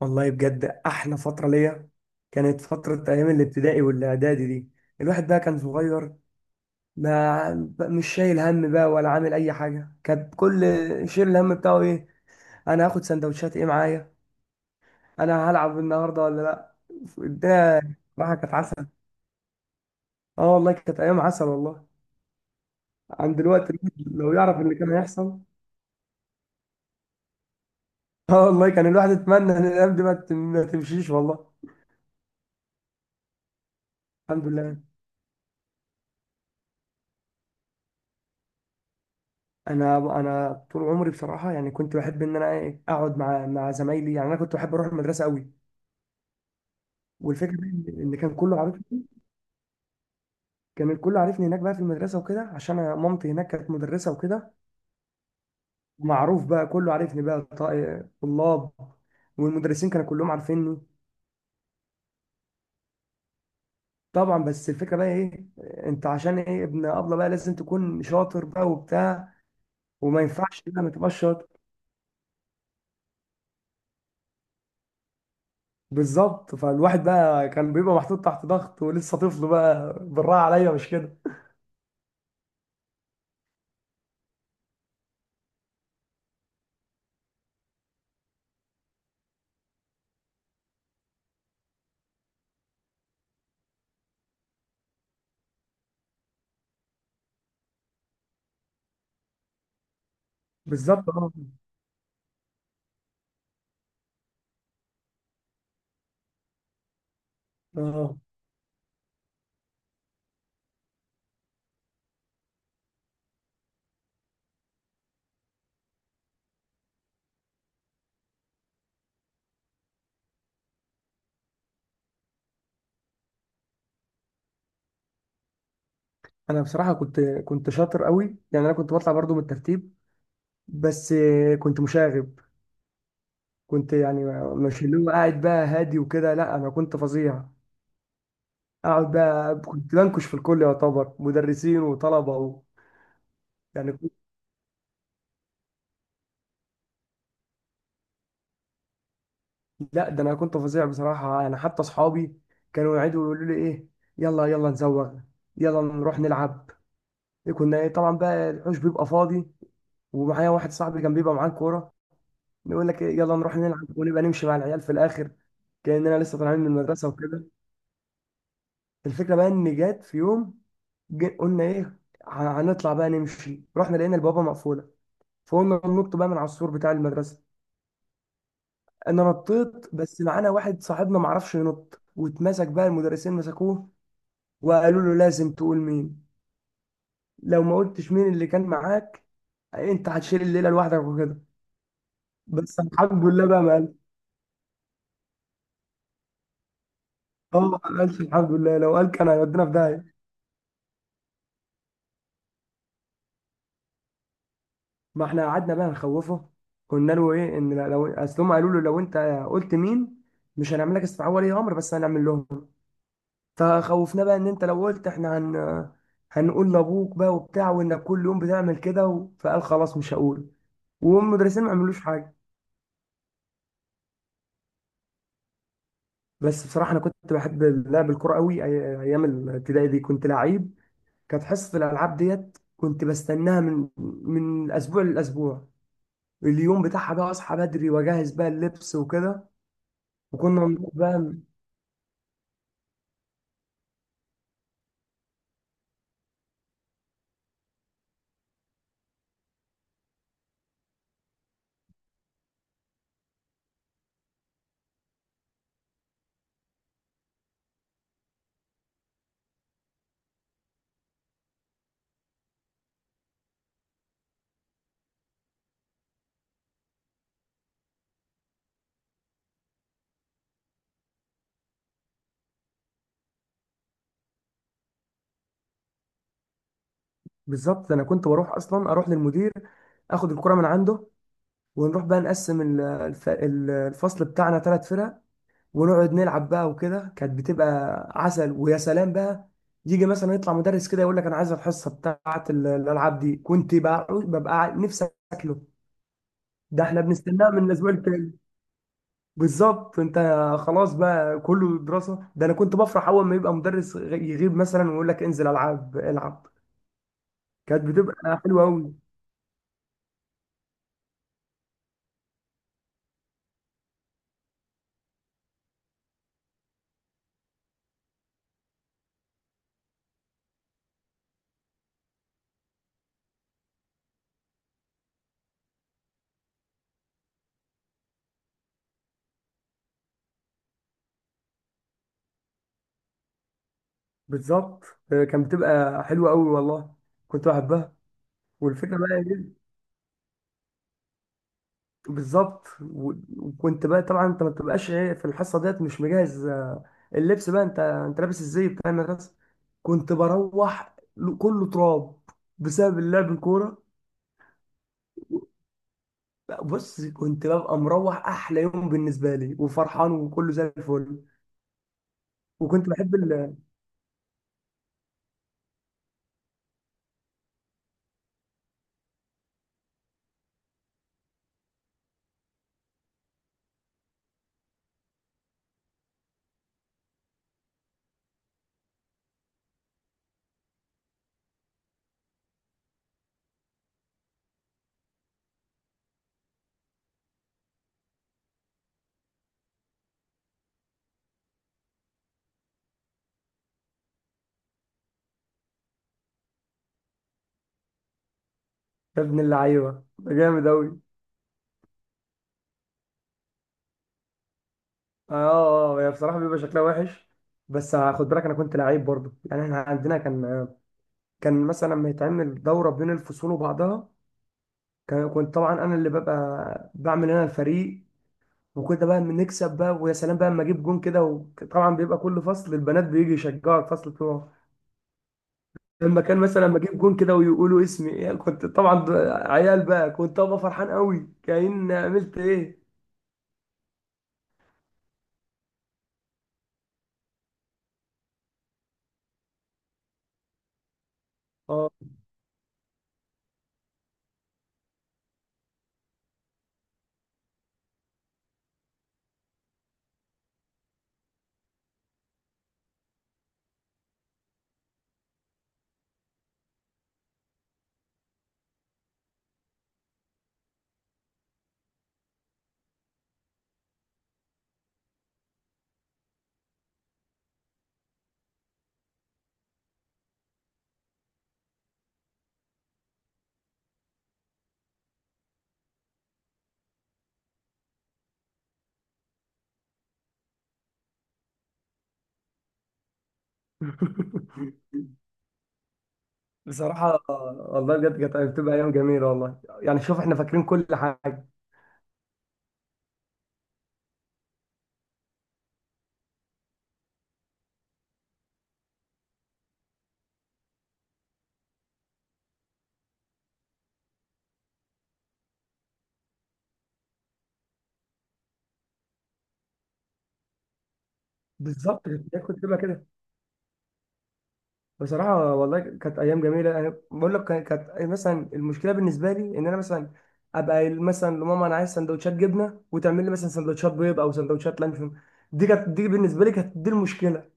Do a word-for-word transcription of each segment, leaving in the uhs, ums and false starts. والله بجد احلى فتره ليا، كانت فتره ايام الابتدائي والاعدادي دي. الواحد بقى كان صغير، ما مش شايل هم بقى ولا عامل اي حاجه. كان كل شيل الهم بتاعه ايه؟ انا هاخد سندوتشات ايه معايا؟ انا هلعب النهارده ولا لا؟ الدنيا بصراحه كانت عسل. اه، والله كانت ايام عسل والله. عن دلوقتي الواحد لو يعرف اللي كان هيحصل. اه، والله كان الواحد يتمنى ان الايام دي ما تم- ما تمشيش والله. الحمد لله. انا انا طول عمري بصراحه، يعني كنت بحب ان انا إيه اقعد مع مع زمايلي، يعني انا كنت بحب اروح المدرسه قوي. والفكره بقى ان إن كان كله عارفني. كان الكل عارفني هناك بقى في المدرسه وكده، عشان أنا مامتي هناك كانت مدرسه وكده. معروف بقى، كله عارفني بقى، ط- طلاب والمدرسين كانوا كلهم عارفيني. طبعا، بس الفكره بقى ايه؟ انت عشان ايه ابن ابله بقى لازم تكون شاطر بقى وبتاع، وما ينفعش بقى ما تبقاش شاطر. بالظبط، فالواحد بقى كان بيبقى محطوط تحت ضغط، ولسه طفل بقى، بالراحه عليا، مش كده؟ بالظبط. اه، اه، انا بصراحه كنت كنت شاطر قوي، يعني انا كنت بطلع برضو من الترتيب. بس آه، كنت مشاغب. كنت يعني مش اللي هو قاعد بقى هادي وكده، لا انا كنت فظيع. اقعد بقى كنت بنكش في الكل، يعتبر مدرسين وطلبه و... يعني كنت... لا ده انا كنت فظيع بصراحه، يعني حتى اصحابي كانوا يقعدوا يقولوا لي ايه؟ يلا يلا نزوغ، يلا نروح نلعب. كنا إيه، طبعا بقى الحوش بيبقى فاضي، ومعايا واحد صاحبي كان بيبقى معاه كوره. نقول لك إيه، يلا نروح نلعب، ونبقى نمشي مع العيال في الاخر كاننا لسه طالعين من المدرسه وكده. الفكره بقى ان جت في يوم، جي- قلنا ايه؟ ه- هنطلع بقى نمشي. رحنا لقينا البوابه مقفوله، فقلنا ننط بقى من على السور بتاع المدرسه. انا نطيت، بس معانا واحد صاحبنا معرفش ينط واتمسك بقى، المدرسين مسكوه. وقالوا له لازم تقول مين، لو ما قلتش مين اللي كان معاك انت هتشيل الليله لوحدك وكده. بس الحمد لله بقى ما قال. اه، ما قالش الحمد لله، لو قال كان هيودينا في داهيه. ما احنا قعدنا بقى نخوفه، قلنا له ايه؟ ان لو، اصل هم قالوا له لو انت قلت مين مش هنعمل لك استدعاء ولي امر بس هنعمل لهم. فخوفنا بقى ان انت لو قلت احنا هن هنقول لابوك بقى وبتاع، وانك كل يوم بتعمل كده و... فقال خلاص مش هقول. والمدرسين ما عملوش حاجه. بس بصراحه انا كنت بحب لعب الكوره قوي. أي- ايام الابتدائي دي كنت لعيب. كانت حصه الالعاب ديت كنت بستناها من من اسبوع لاسبوع. اليوم بتاعها بقى اصحى بدري واجهز بقى اللبس وكده، وكنا بنروح بقى. بالظبط، ده انا كنت بروح اصلا، اروح للمدير اخد الكرة من عنده، ونروح بقى نقسم ال- الف- ال- الفصل بتاعنا ثلاث فرق. ونقعد نلعب بقى وكده، كانت بتبقى عسل ويا سلام بقى. يجي مثلا يطلع مدرس كده يقول لك انا عايز الحصة بتاعت ال- الالعاب دي، كنت بقى ببقى عا- نفسي اكله. ده احنا بنستناه من الاسبوع التاني. بالظبط انت. خلاص بقى كله دراسة، ده انا كنت بفرح اول ما يبقى مدرس غ- يغيب مثلا ويقول لك انزل العب العب. كانت بتبقى حلوة قوي. بالظبط، آه، كانت بتبقى حلوة قوي والله، كنت بحبها. والفكرة بقى ايه؟ بالظبط، و- وكنت بقى طبعا انت ما بتبقاش ايه في الحصة ديت مش مجهز، آه، اللبس بقى. انت انت لابس ازاي بتاع المدرسة. كنت بروح ل- كله تراب بسبب اللعب الكورة. بص كنت ببقى مروح احلى يوم بالنسبة لي، وفرحان وكله زي الفل. وكنت بحب ال- يا ابن اللعيبة ده جامد قوي! اه، اه، هي بصراحه بيبقى شكلها وحش. بس خد بالك انا كنت لعيب برضه، يعني احنا عندنا كان كان مثلا لما يتعمل دوره بين الفصول وبعضها. كان كنت طبعا انا اللي ببقى بعمل انا الفريق. وكنت بقى بنكسب بقى، ويا سلام بقى لما اجيب جون كده، وطبعا بيبقى كل فصل البنات بيجي يشجعوا الفصل بتوعه. لما كان مثلا لما اجيب جون كده ويقولوا اسمي، يعني كنت طبعا عيال بقى، كنت ابقى فرحان قوي كأن عملت ايه. اه. بصراحة، والله بجد كانت بتبقى أيام جميلة والله، يعني شوف إحنا فاكرين كل حاجة. بالظبط، كانت كنت بتبقى كده. بصراحة والله كانت أيام جميلة. أنا بقول لك كان- كانت مثلا المشكلة بالنسبة لي إن أنا مثلا أبقى قايل مثلا لماما أنا عايز سندوتشات جبنة، وتعمل لي مثلا سندوتشات بيض أو سندوتشات لانشون. دي كانت، دي بالنسبة لي كانت دي المشكلة.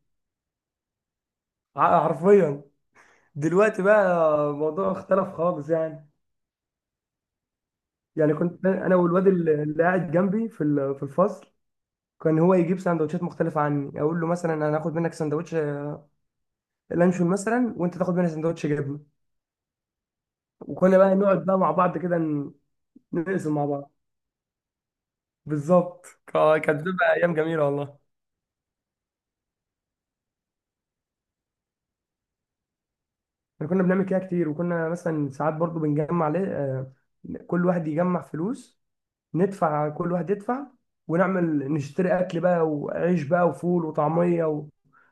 ع- حرفيا. دلوقتي بقى الموضوع اختلف خالص يعني. يعني كنت أنا والواد اللي اللي قاعد جنبي في ال- في الفصل. كان هو يجيب سندوتشات مختلفة عني، أقول له مثلا أنا هاخد منك سندوتش لانشون مثلا، وأنت تاخد مني سندوتش جبنة. وكنا بقى نقعد بقى مع بعض كده، ن- نقسم مع بعض. بالظبط، كا- كانت بتبقى أيام جميلة والله. احنا كنا بنعمل كده كتير، وكنا مثلا ساعات برضو بنجمع ليه، آه، كل واحد يجمع فلوس. ندفع، كل واحد يدفع، ونعمل نشتري أكل بقى وعيش بقى وفول وطعمية و...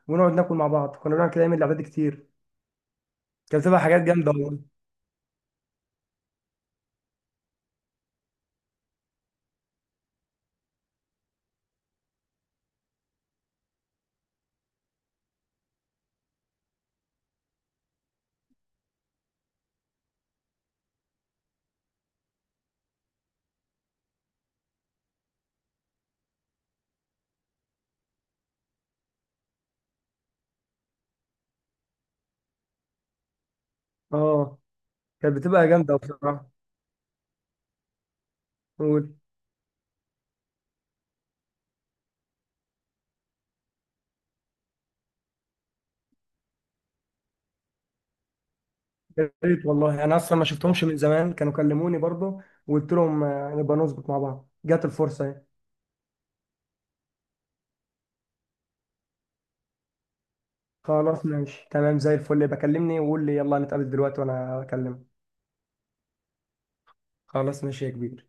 ونقعد ناكل مع بعض، كنا بنعمل كده أيام الأعداد كتير. كانت بتبقى حاجات جامدة والله. اه، كانت بتبقى جامدة بصراحة. يا ريت والله، انا اصلا ما شفتهمش من زمان، كانوا كلموني برضه وقلت لهم آه، نبقى نظبط مع بعض، جات الفرصه اهي. خلاص ماشي، تمام زي الفل، بكلمني وقول لي يلا نتقابل دلوقتي وانا اكلمك. خلاص ماشي يا كبير.